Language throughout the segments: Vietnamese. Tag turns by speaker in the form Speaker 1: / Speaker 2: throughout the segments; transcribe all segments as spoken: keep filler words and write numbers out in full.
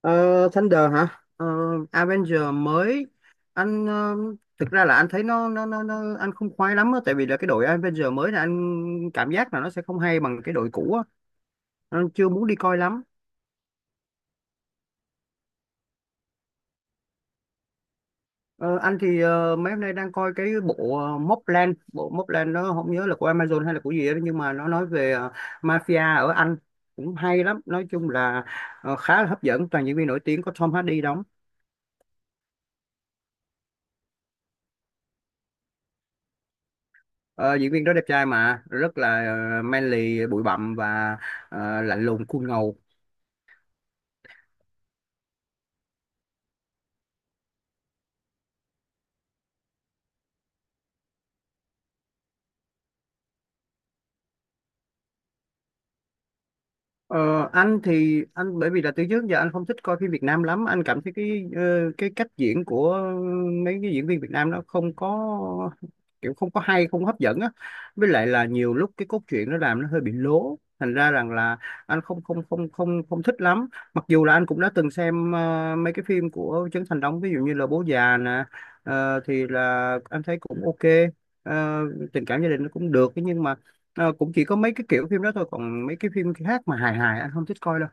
Speaker 1: Ờ, Thunder hả? Ờ, Avenger mới. Anh ờ, thực ra là anh thấy nó nó nó, nó anh không khoái lắm á, tại vì là cái đội Avenger mới là anh cảm giác là nó sẽ không hay bằng cái đội cũ á. Anh chưa muốn đi coi lắm. Ờ, anh thì ờ, mấy hôm nay đang coi cái bộ ờ, Mobland, bộ Mobland nó không nhớ là của Amazon hay là của gì đó, nhưng mà nó nói về ờ, mafia ở Anh, cũng hay lắm, nói chung là ờ, khá là hấp dẫn, toàn diễn viên nổi tiếng, có Tom Hardy đóng. Ờ, diễn viên đó đẹp trai mà rất là ờ, manly, bụi bặm và ờ, lạnh lùng, cool ngầu. Ờ, anh thì anh bởi vì là từ trước giờ anh không thích coi phim Việt Nam lắm, anh cảm thấy cái ờ, cái cách diễn của mấy cái diễn viên Việt Nam nó không có kiểu, không có hay, không có hấp dẫn á, với lại là nhiều lúc cái cốt truyện nó làm nó hơi bị lố, thành ra rằng là anh không không không không không thích lắm. Mặc dù là anh cũng đã từng xem ờ, mấy cái phim của Trấn Thành đóng, ví dụ như là Bố Già nè, ờ, thì là anh thấy cũng ok. Ờ, tình cảm gia đình nó cũng được, thế nhưng mà ờ, cũng chỉ có mấy cái kiểu phim đó thôi, còn mấy cái phim khác mà hài hài anh không thích coi đâu.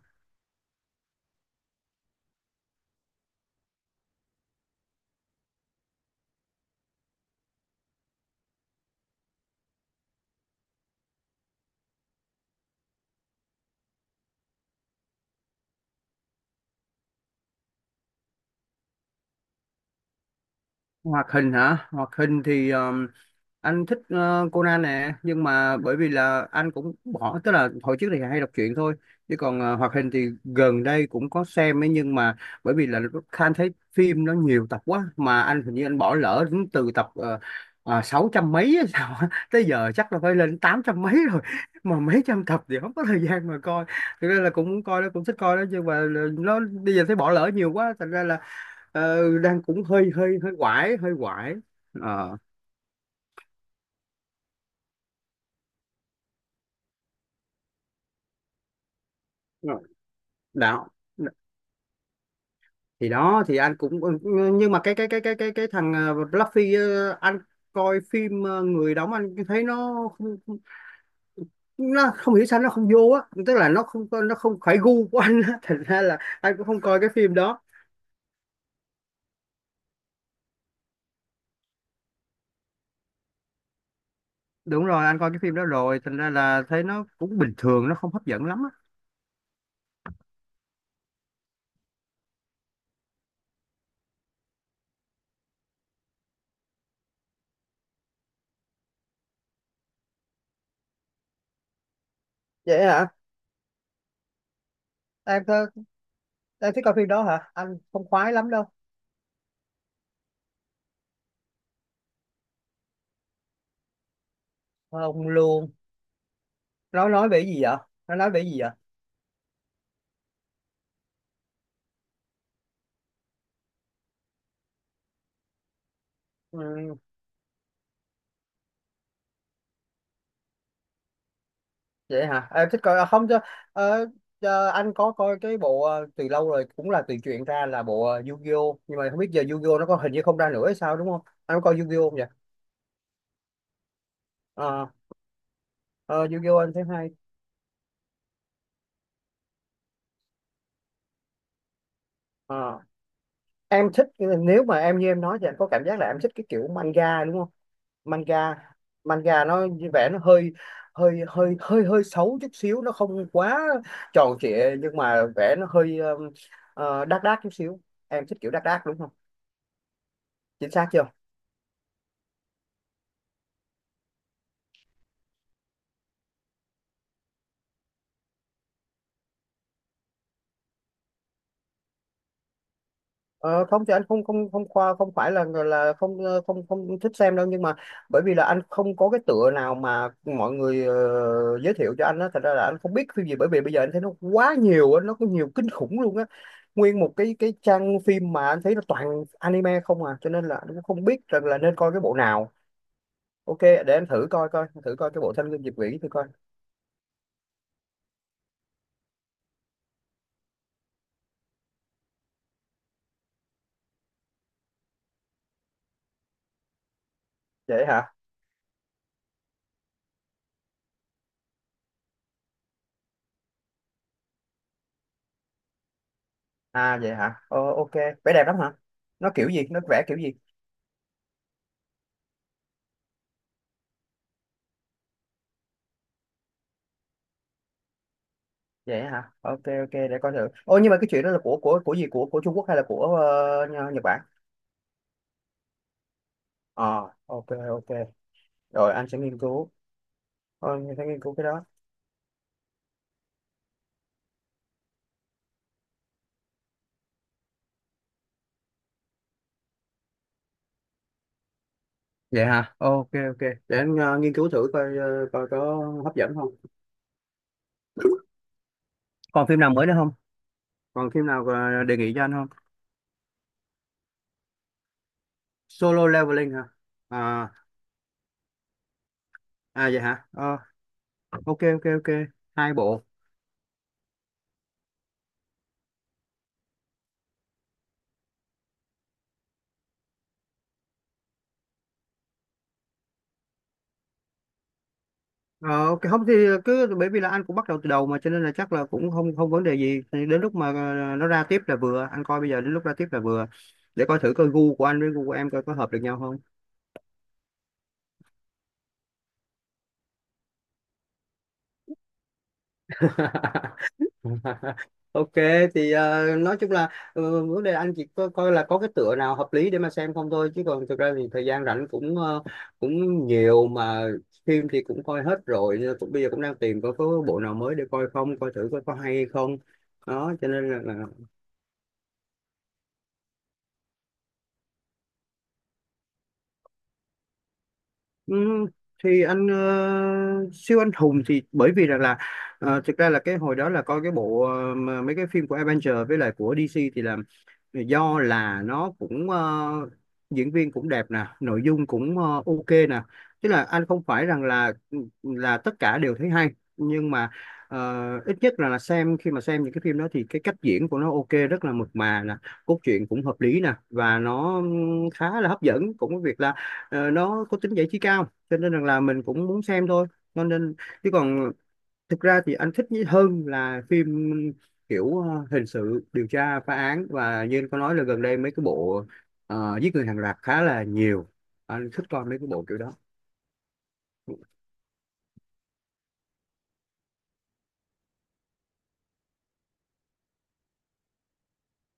Speaker 1: Hoạt hình hả? Hoạt hình thì ờ, anh thích ờ, Conan nè, nhưng mà bởi vì là anh cũng bỏ, tức là hồi trước thì hay đọc truyện thôi, chứ còn ờ, hoạt hình thì gần đây cũng có xem ấy, nhưng mà bởi vì là Khan thấy phim nó nhiều tập quá mà anh hình như anh bỏ lỡ đến từ tập uh, sáu trăm mấy hay sao á. Tới giờ chắc là phải lên tám trăm mấy rồi, mà mấy trăm tập thì không có thời gian mà coi. Thực ra là cũng muốn coi đó, cũng thích coi đó, nhưng mà nó bây giờ thấy bỏ lỡ nhiều quá, thành ra là ờ, đang cũng hơi hơi hơi quải, hơi quải. Ờ. Rồi. Đạo thì đó thì anh cũng ừ, ừ, nhưng mà cái cái cái cái cái cái thằng ờ, Luffy, ờ, anh coi phim ờ, người đóng anh thấy nó không- không- nó không hiểu sao nó không vô á, tức là nó không có- nó không phải gu của anh á thành ra là anh cũng không coi cái phim đó. Đúng rồi, anh coi cái phim đó rồi, thành ra là thấy nó cũng bình thường, nó không hấp dẫn lắm á. Vậy hả? Em th-, em thích coi phim đó hả, anh không khoái lắm đâu. Không luôn. Nó nói về cái gì vậy? Nó nói về cái gì vậy? Ừ, vậy hả, à, thích coi, à, không cho ờ, cho anh có coi cái bộ ờ, từ lâu rồi, cũng là từ truyện ra, là bộ ờ, Yu-Gi-Oh, nhưng mà không biết giờ Yu-Gi-Oh nó có, hình như không ra nữa hay sao đúng không? Anh có coi Yu-Gi-Oh không vậy? Ờ, ờ, Yu-Gi-Oh anh thấy hay. Ờ, em thích, nếu mà em như em nói thì anh có cảm giác là em thích cái kiểu manga đúng không? Manga manga nó như vẻ nó hơi hơi hơi hơi hơi xấu chút xíu, nó không quá tròn trịa, nhưng mà vẻ nó hơi ờ, ờ, đác đác chút xíu. Em thích kiểu đác đác đúng không? Chính xác chưa? Ờ, không thì anh không không không khoa, không phải là người là không ờ, không không thích xem đâu, nhưng mà bởi vì là anh không có cái tựa nào mà mọi người ờ, giới thiệu cho anh á, thật ra là anh không biết phim gì, bởi vì bây giờ anh thấy nó quá nhiều á, nó có nhiều kinh khủng luôn á. Nguyên một cái cái trang phim mà anh thấy nó toàn anime không à, cho nên là anh cũng không biết rằng là nên coi cái bộ nào. Ok, để anh thử coi, coi thử coi cái bộ Thanh Gươm Diệp Vĩ thử coi. Vậy hả? À vậy hả, ờ, ok, vẻ đẹp lắm hả? Nó kiểu gì, nó vẽ kiểu gì? Vậy hả, ok ok, để coi thử. Ô, nhưng mà cái chuyện đó là của của của gì, của của Trung Quốc hay là của ờ, Nh-, Nhật Bản? Ờ ok ok. Rồi anh sẽ nghiên cứu. Ờ, anh sẽ nghiên cứu cái đó. Vậy hả, ok ok, để anh ờ, nghiên cứu thử coi, ờ, coi có hấp dẫn không. Còn phim nào mới nữa không? Còn phim nào ờ, đề nghị cho anh không? Solo Leveling hả? À à vậy hả, Ờ, ok ok ok. Hai bộ. Ờ, cái không thì cứ bởi vì là anh cũng bắt đầu từ đầu mà, cho nên là chắc là cũng không không vấn đề gì. Thì đến lúc mà ờ, nó ra tiếp là vừa, anh coi bây giờ đến lúc ra tiếp là vừa. Để coi thử coi gu của anh với gu của em coi có hợp được nhau không. Ok, thì ờ, nói chung là ờ, vấn đề là anh chỉ coi, coi là có cái tựa nào hợp lý để mà xem không thôi, chứ còn thực ra thì thời gian rảnh cũng ờ, cũng nhiều mà. Phim thì cũng coi hết rồi, nên cũng bây giờ cũng đang tìm coi có bộ nào mới để coi không, coi thử coi có hay không, đó cho nên là Ừm, thì anh ờ, siêu anh hùng thì bởi vì rằng là ờ, thực ra là cái hồi đó là coi cái bộ ờ, mà mấy cái phim của Avenger với lại của đê xê thì là do là nó cũng ờ, diễn viên cũng đẹp nè, nội dung cũng ờ, ok nè, tức là anh không phải rằng là ừ, là tất cả đều thấy hay, nhưng mà ờ, ít nhất là, là xem, khi mà xem những cái phim đó thì cái cách diễn của nó ok, rất là mượt mà nè, cốt truyện cũng hợp lý nè và nó khá là hấp dẫn, cũng có việc là ờ, nó có tính giải trí cao cho nên rằng là mình cũng muốn xem thôi, cho nên chứ còn thực ra thì anh thích nhí- hơn là phim kiểu ờ, hình sự điều tra phá án, và như anh có nói là gần đây mấy cái bộ ờ, giết người hàng loạt khá là nhiều, anh thích coi mấy cái bộ kiểu đó.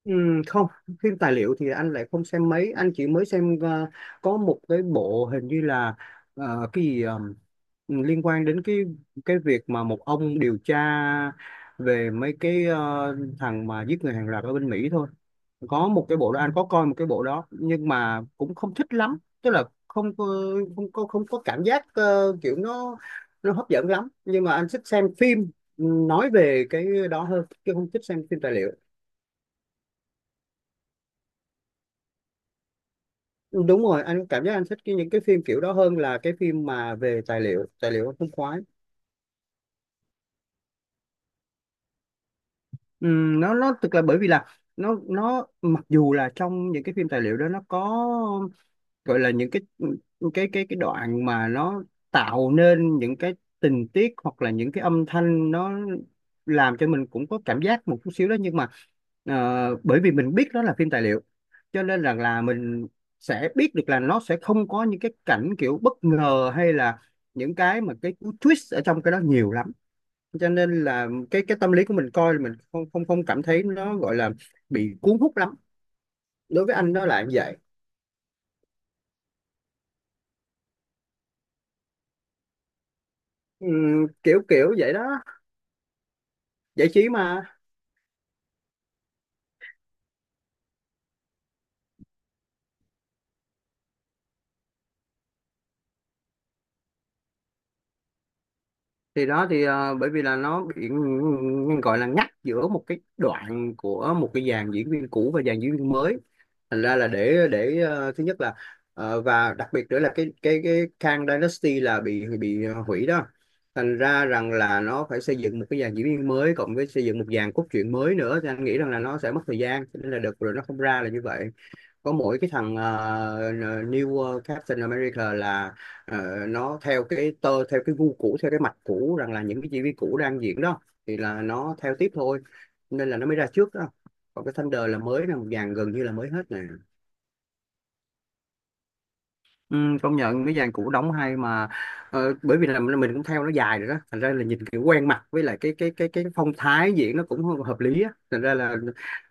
Speaker 1: Ừm, không, phim tài liệu thì anh lại không xem mấy, anh chỉ mới xem ờ, có một cái bộ hình như là ờ, cái gì liên quan đến cái cái việc mà một ông điều tra về mấy cái ờ, thằng mà giết người hàng loạt ở bên Mỹ thôi. Có một cái bộ đó, anh có coi một cái bộ đó nhưng mà cũng không thích lắm, tức là không có không có không có cảm giác ờ, kiểu nó nó hấp dẫn lắm, nhưng mà anh thích xem phim ừ, nói về cái đó hơn chứ không thích xem phim tài liệu. Đúng rồi, anh cảm giác anh thích cái, những cái phim kiểu đó hơn là cái phim mà về tài liệu, tài liệu anh không khoái. Ừm, nó nó thực là bởi vì là nó nó mặc dù là trong những cái phim tài liệu đó nó có gọi là những cái cái cái cái đoạn mà nó tạo nên những cái tình tiết hoặc là những cái âm thanh, nó làm cho mình cũng có cảm giác một chút xíu đó, nhưng mà ờ, bởi vì mình biết đó là phim tài liệu cho nên rằng là mình sẽ biết được là nó sẽ không có những cái cảnh kiểu bất ngờ hay là những cái mà cái cú twist ở trong cái đó nhiều lắm, cho nên là cái cái tâm lý của mình coi là mình không không không cảm thấy nó gọi là bị cuốn hút lắm. Đối với anh nó là như vậy. Ừm, kiểu kiểu vậy đó, giải trí mà. Thì đó thì ờ, bởi vì là nó bị gọi là ngắt giữa một cái đoạn của một cái dàn diễn viên cũ và dàn diễn viên mới, thành ra là để để ờ, thứ nhất là ờ, và đặc biệt nữa là cái cái cái Kang Dynasty là bị bị hủy đó, thành ra rằng là nó phải xây dựng một cái dàn diễn viên mới cộng với xây dựng một dàn cốt truyện mới nữa, thì anh nghĩ rằng là nó sẽ mất thời gian. Cho nên là đợt rồi nó không ra là như vậy. Có mỗi cái thằng ờ, ờ, New Captain America là ờ, nó theo cái tơ theo cái gu cũ theo cái mạch cũ, rằng là những cái diễn viên cũ đang diễn đó thì là nó theo tiếp thôi, nên là nó mới ra trước đó. Còn cái Thunder là mới, là một dàn gần như là mới hết nè. Ừ, công nhận cái dàn cũ đóng hay mà. Ờ, bởi vì là mình cũng theo nó dài rồi đó, thành ra là nhìn kiểu quen mặt, với lại cái cái cái cái phong thái diễn nó cũng hợp lý á, thành ra là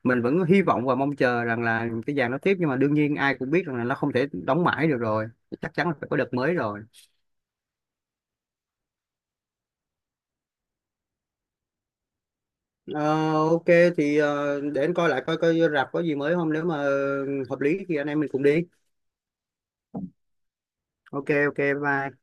Speaker 1: mình vẫn hy vọng và mong chờ rằng là cái dàn nó tiếp, nhưng mà đương nhiên ai cũng biết rằng là nó không thể đóng mãi được rồi. Chắc chắn là phải có đợt mới rồi. Ờ, ok, thì ờ, để anh coi lại coi, coi rạp có gì mới không, nếu mà hợp lý thì anh em mình cùng đi. Ok ok, bye bye.